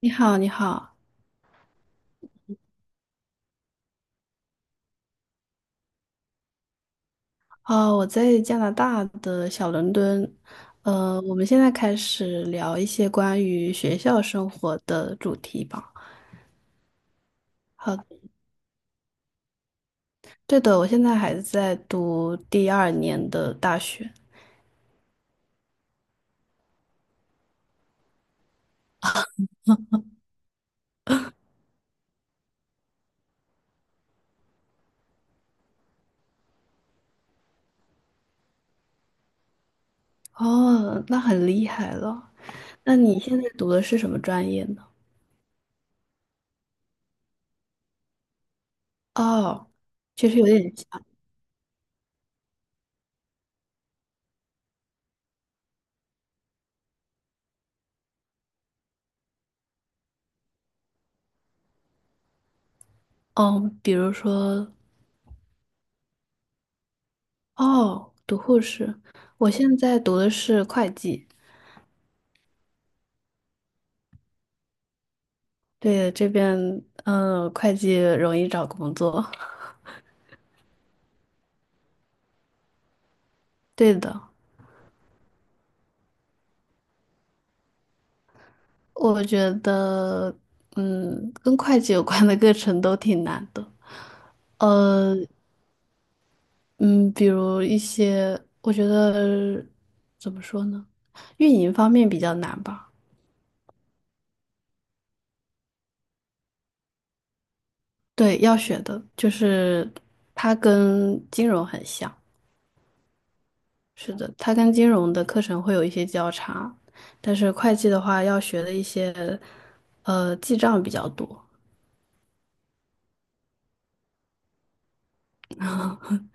你好，你好。哦，我在加拿大的小伦敦。我们现在开始聊一些关于学校生活的主题吧。好。对的，我现在还在读第二年的大学。哦，那很厉害了。那你现在读的是什么专业呢？哦，其实有点像。嗯，比如说。哦，读护士。我现在读的是会计。对，这边，嗯，会计容易找工作。对的。我觉得，嗯，跟会计有关的 课程都挺难的。呃，嗯，比如一些，我觉得怎么说呢，运营方面比较难吧。对，要学的就是它跟金融很像。是的，它跟金融的课程会有一些交叉，但是会计的话要学的一些，记账比较多。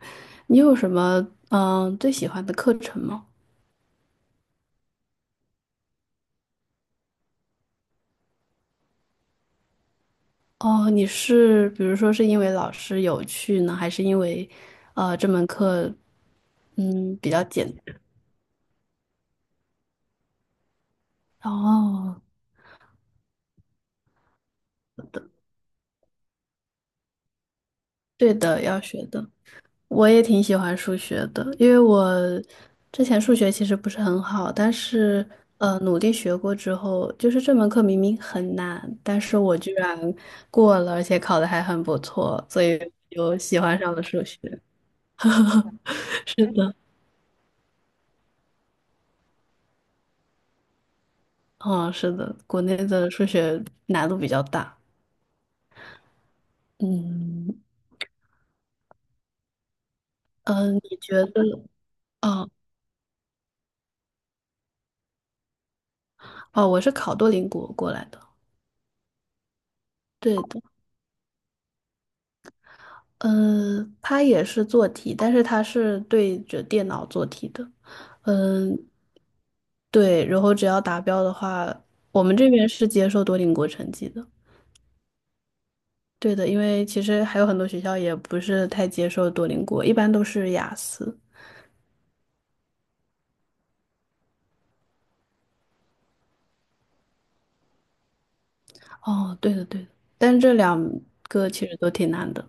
你有什么最喜欢的课程吗？哦，你是比如说是因为老师有趣呢，还是因为这门课比较简单？哦，对的，要学的。我也挺喜欢数学的，因为我之前数学其实不是很好，但是努力学过之后，就是这门课明明很难，但是我居然过了，而且考的还很不错，所以就喜欢上了数学。是的。哦，是的，国内的数学难度比较大。嗯，嗯，你觉得？哦，哦，我是考多邻国过来的。对的，嗯，他也是做题，但是他是对着电脑做题的。嗯，对，然后只要达标的话，我们这边是接受多邻国成绩的。对的，因为其实还有很多学校也不是太接受多邻国，一般都是雅思。哦，对的对的，但是这两个其实都挺难的。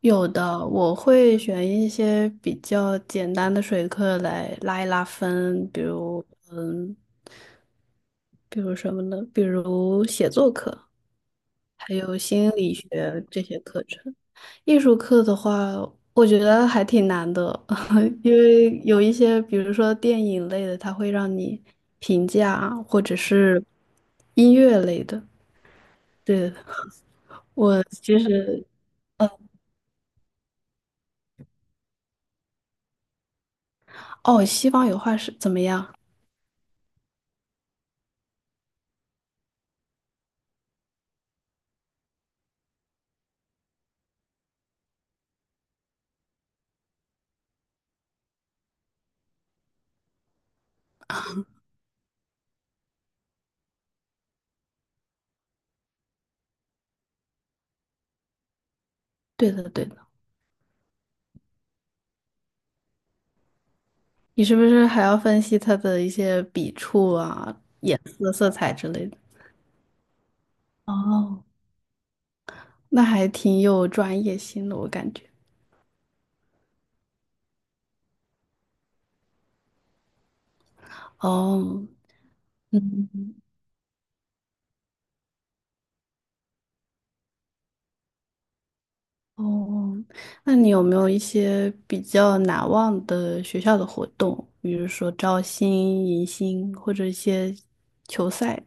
有的，我会选一些比较简单的水课来拉一拉分，比如，嗯，比如什么呢？比如写作课，还有心理学这些课程。艺术课的话，我觉得还挺难的，因为有一些，比如说电影类的，它会让你评价，或者是音乐类的。对的。我其实，哦，西方有画是怎么样？对的，对的。你是不是还要分析他的一些笔触啊、颜色、色彩之类的？哦，那还挺有专业性的，我感觉。哦。嗯。哦，那你有没有一些比较难忘的学校的活动，比如说招新、迎新或者一些球赛？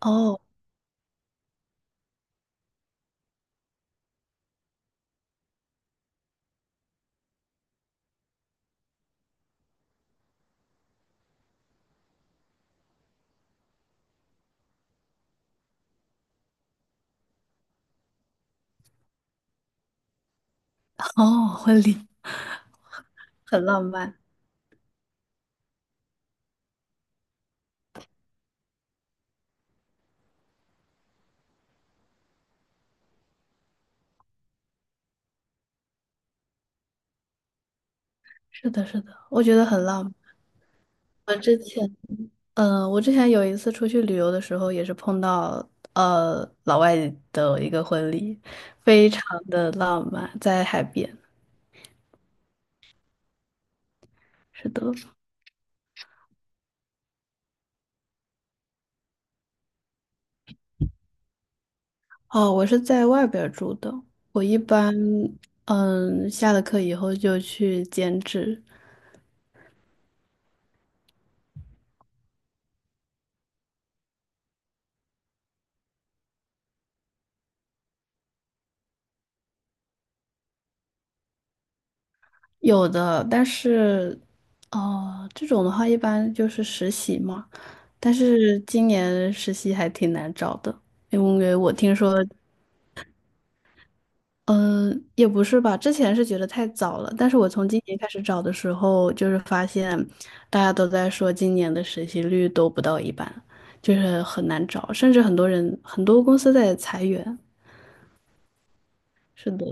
哦。 哦，婚礼很浪漫。是的，是的，我觉得很浪漫。我之前，我之前有一次出去旅游的时候，也是碰到老外的一个婚礼，非常的浪漫，在海边。是的。哦，我是在外边儿住的。我一般下了课以后就去兼职。有的，但是哦这种的话一般就是实习嘛，但是今年实习还挺难找的，因为我听说。嗯，也不是吧，之前是觉得太早了，但是我从今年开始找的时候，就是发现大家都在说今年的实习率都不到一半，就是很难找，甚至很多人很多公司在裁员。是的。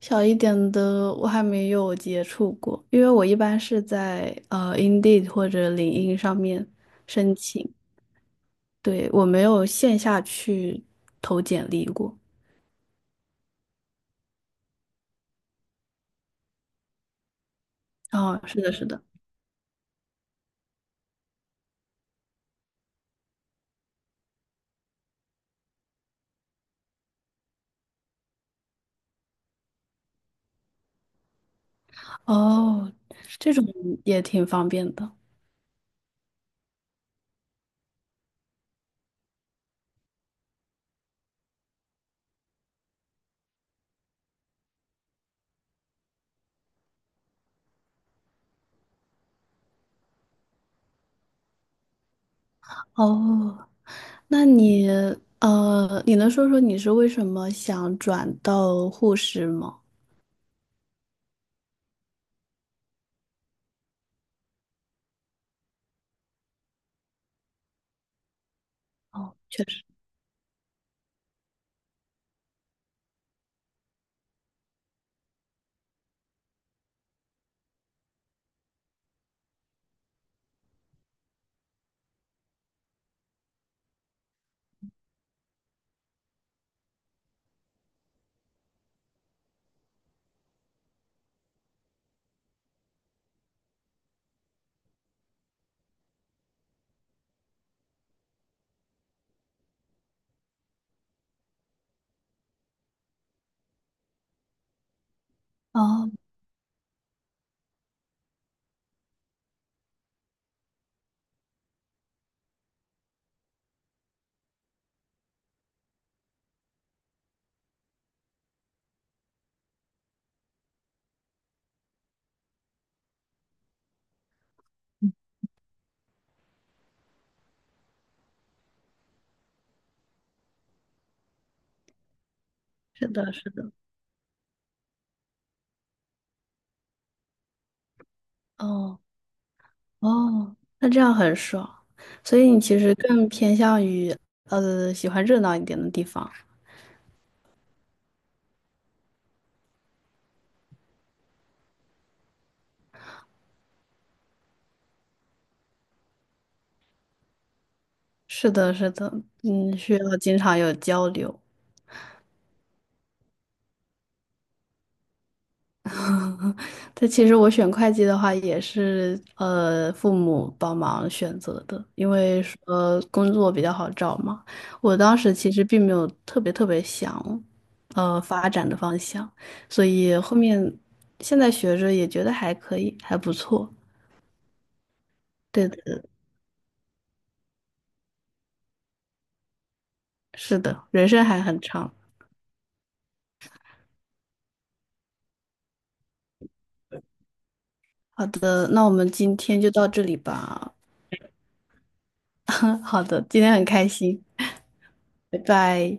小一点的我还没有接触过，因为我一般是在Indeed 或者领英上面申请。对，我没有线下去投简历过。哦，是的，是的。哦，这种也挺方便的。哦，那你，你能说说你是为什么想转到护士吗？哦，确实。哦，是的，是的。哦，哦，那这样很爽，所以你其实更偏向于喜欢热闹一点的地方。是的，是的。嗯，需要经常有交流。但其实我选会计的话，也是父母帮忙选择的，因为工作比较好找嘛。我当时其实并没有特别特别想发展的方向，所以后面现在学着也觉得还可以，还不错。对的。是的，人生还很长。好的，那我们今天就到这里吧。嗯，好的，今天很开心。拜拜。